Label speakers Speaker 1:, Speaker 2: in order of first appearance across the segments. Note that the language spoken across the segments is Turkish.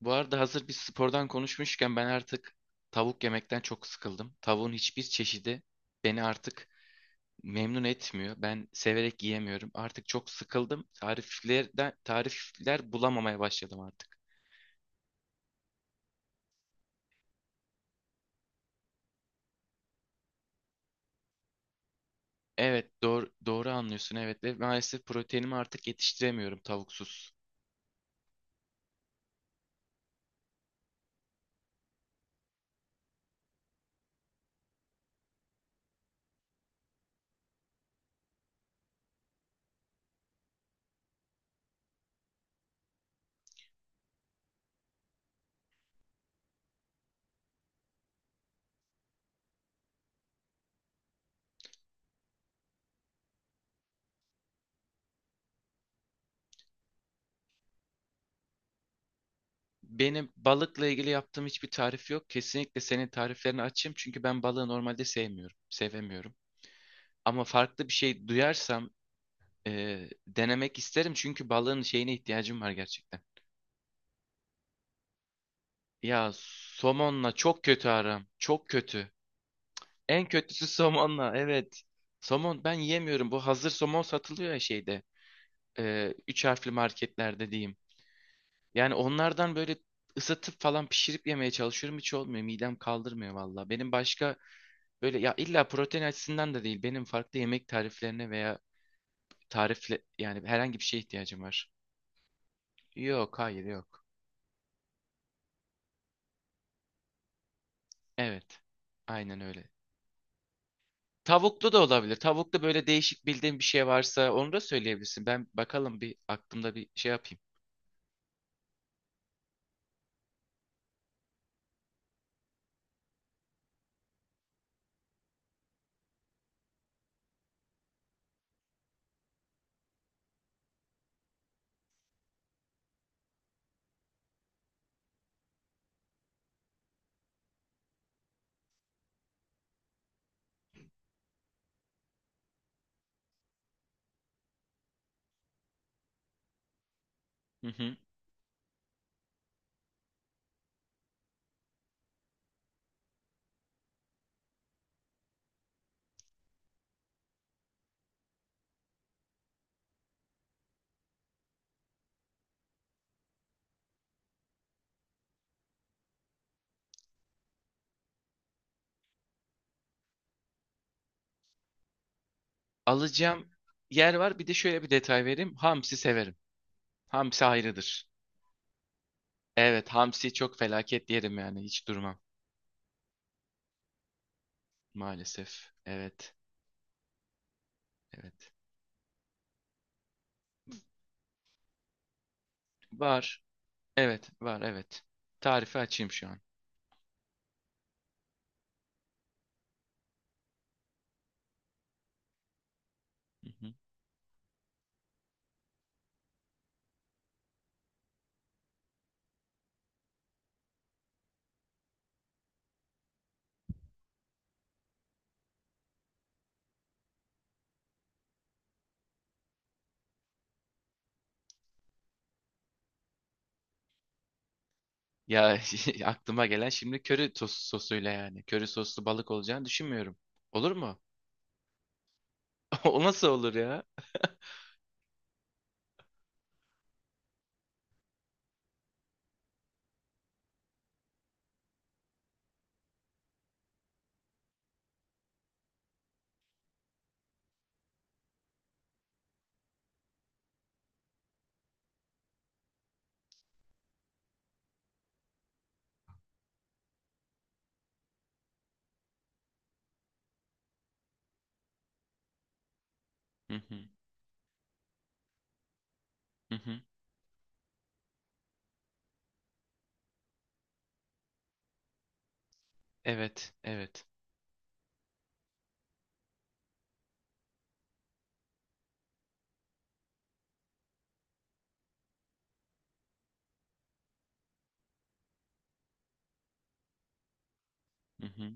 Speaker 1: Bu arada hazır bir spordan konuşmuşken ben artık tavuk yemekten çok sıkıldım. Tavuğun hiçbir çeşidi beni artık memnun etmiyor. Ben severek yiyemiyorum. Artık çok sıkıldım. Tariflerden tarifler bulamamaya başladım artık. Evet, doğru anlıyorsun. Evet ve maalesef proteinimi artık yetiştiremiyorum tavuksuz. Benim balıkla ilgili yaptığım hiçbir tarif yok. Kesinlikle senin tariflerini açayım çünkü ben balığı normalde sevmiyorum, sevemiyorum. Ama farklı bir şey duyarsam denemek isterim çünkü balığın şeyine ihtiyacım var gerçekten. Ya somonla çok kötü aram. Çok kötü. En kötüsü somonla. Evet. Somon ben yiyemiyorum. Bu hazır somon satılıyor ya şeyde. Üç harfli marketlerde diyeyim. Yani onlardan böyle ısıtıp falan pişirip yemeye çalışıyorum. Hiç olmuyor. Midem kaldırmıyor valla. Benim başka böyle ya illa protein açısından da değil. Benim farklı yemek tariflerine veya tarifle yani herhangi bir şeye ihtiyacım var. Yok, hayır yok. Evet. Aynen öyle. Tavuklu da olabilir. Tavuklu böyle değişik bildiğin bir şey varsa onu da söyleyebilirsin. Ben bakalım bir aklımda bir şey yapayım. Hı hı. Alacağım yer var. Bir de şöyle bir detay vereyim. Hamsi severim. Hamsi ayrıdır. Evet, hamsi çok felaket yerim yani. Hiç durmam maalesef. Evet. Evet. Var. Evet, var, evet. Tarifi açayım şu an. Hı hı. Ya aklıma gelen şimdi köri sos, sosuyla yani. Köri soslu balık olacağını düşünmüyorum. Olur mu? O nasıl olur ya? Hı hı. Hı hı. Evet, evet. Hı hı.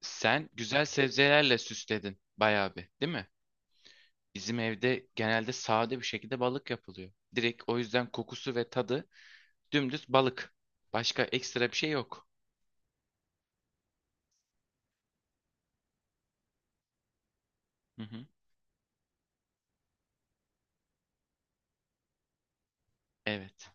Speaker 1: Sen güzel sebzelerle süsledin bayağı bir, değil mi? Bizim evde genelde sade bir şekilde balık yapılıyor. Direkt o yüzden kokusu ve tadı dümdüz balık. Başka ekstra bir şey yok. Hı hı. Evet.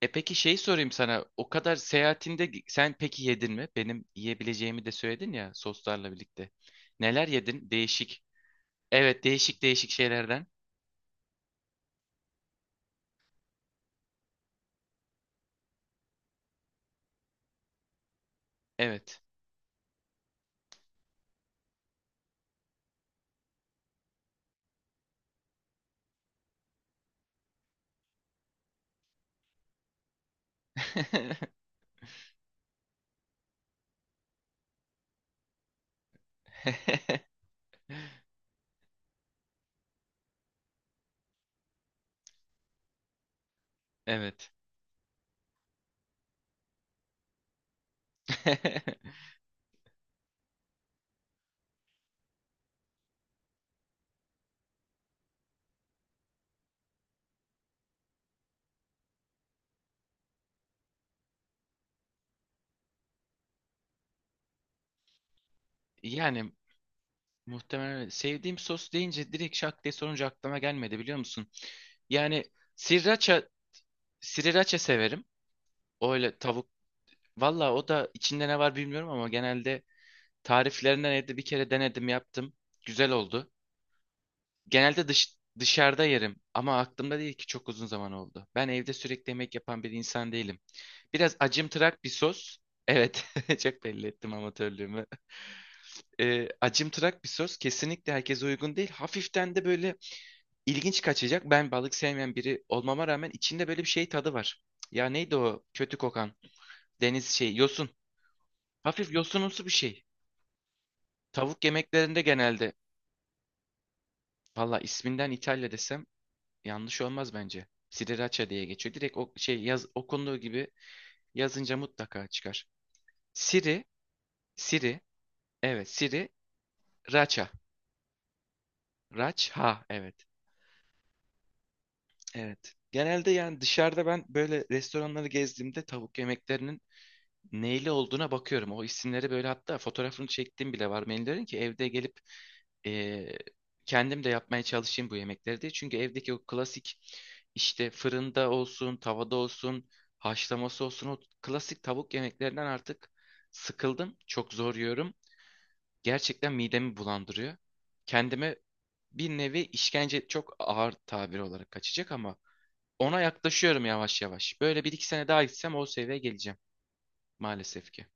Speaker 1: E peki şey sorayım sana. O kadar seyahatinde sen peki yedin mi? Benim yiyebileceğimi de söyledin ya soslarla birlikte. Neler yedin? Değişik. Evet, değişik değişik şeylerden. Evet. Evet. Yani muhtemelen öyle. Sevdiğim sos deyince direkt şak diye sorunca aklıma gelmedi biliyor musun? Yani sriracha, sriracha severim. O öyle tavuk. Valla o da içinde ne var bilmiyorum ama genelde tariflerinden evde bir kere denedim yaptım. Güzel oldu. Genelde dışarıda yerim ama aklımda değil ki çok uzun zaman oldu. Ben evde sürekli yemek yapan bir insan değilim. Biraz acımtırak bir sos. Evet, çok belli ettim amatörlüğümü. Acımtırak bir sos kesinlikle herkese uygun değil. Hafiften de böyle ilginç kaçacak. Ben balık sevmeyen biri olmama rağmen içinde böyle bir şey tadı var. Ya neydi o kötü kokan deniz şey yosun. Hafif yosunumsu bir şey. Tavuk yemeklerinde genelde. Valla isminden İtalya desem yanlış olmaz bence. Sriracha diye geçiyor. Direkt o şey yaz, okunduğu gibi yazınca mutlaka çıkar. Siri, Siri, evet Siri, Racha. Racha, evet. Evet. Genelde yani dışarıda ben böyle restoranları gezdiğimde tavuk yemeklerinin neyle olduğuna bakıyorum. O isimleri böyle hatta fotoğrafını çektiğim bile var. Menülerin ki evde gelip eee, kendim de yapmaya çalışayım bu yemekleri diye. Çünkü evdeki o klasik işte fırında olsun, tavada olsun, haşlaması olsun o klasik tavuk yemeklerinden artık sıkıldım. Çok zor yiyorum. Gerçekten midemi bulandırıyor. Kendime bir nevi işkence çok ağır tabir olarak kaçacak ama ona yaklaşıyorum yavaş yavaş. Böyle bir iki sene daha gitsem o seviyeye geleceğim maalesef ki.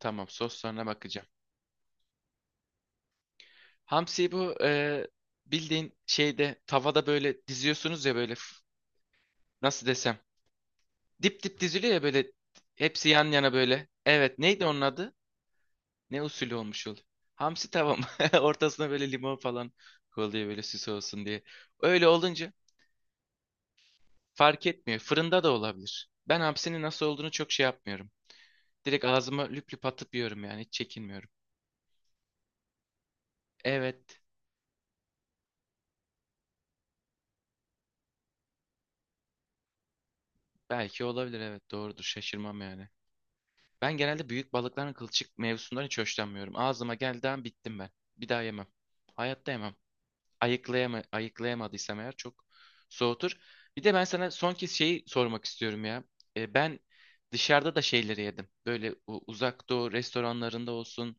Speaker 1: Tamam soslarına bakacağım. Hamsiyi bu bildiğin şeyde tavada böyle diziyorsunuz ya böyle nasıl desem. Dip dip diziliyor ya böyle hepsi yan yana böyle. Evet neydi onun adı? Ne usulü olmuş oluyor? Hamsi tava mı? Ortasına böyle limon falan koyuluyor böyle süs olsun diye. Öyle olunca fark etmiyor. Fırında da olabilir. Ben hapsinin nasıl olduğunu çok şey yapmıyorum. Direkt ağzıma lüp lüp atıp yiyorum yani. Hiç çekinmiyorum. Evet. Belki olabilir. Evet. Doğrudur. Şaşırmam yani. Ben genelde büyük balıkların kılçık mevzusundan hiç hoşlanmıyorum. Ağzıma geldiği an bittim ben. Bir daha yemem. Hayatta yemem. Ayıklayamadıysam eğer çok soğutur. Bir de ben sana son kez şeyi sormak istiyorum ya. Ben dışarıda da şeyleri yedim. Böyle uzak doğu restoranlarında olsun,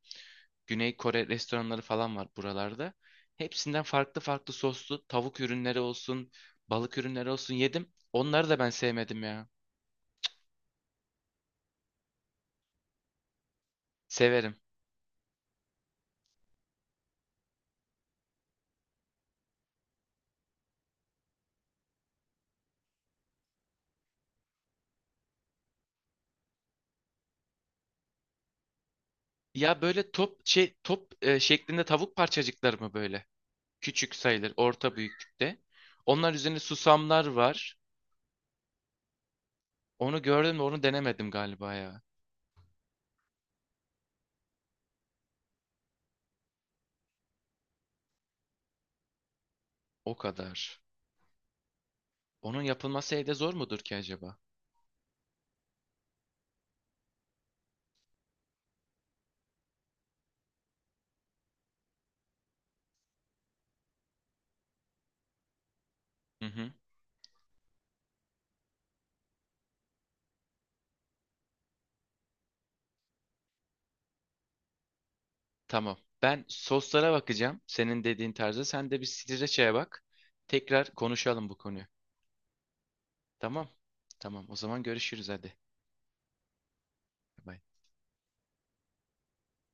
Speaker 1: Güney Kore restoranları falan var buralarda. Hepsinden farklı farklı soslu tavuk ürünleri olsun, balık ürünleri olsun yedim. Onları da ben sevmedim ya. Severim. Ya böyle top şey şeklinde tavuk parçacıkları mı böyle? Küçük sayılır, orta büyüklükte. Onlar üzerine susamlar var. Onu gördüm de onu denemedim galiba ya. O kadar. Onun yapılması evde zor mudur ki acaba? Hı hı. Tamam. Ben soslara bakacağım. Senin dediğin tarzda. Sen de bir sriracha'ya bak. Tekrar konuşalım bu konuyu. Tamam. Tamam. O zaman görüşürüz hadi. Bay bay.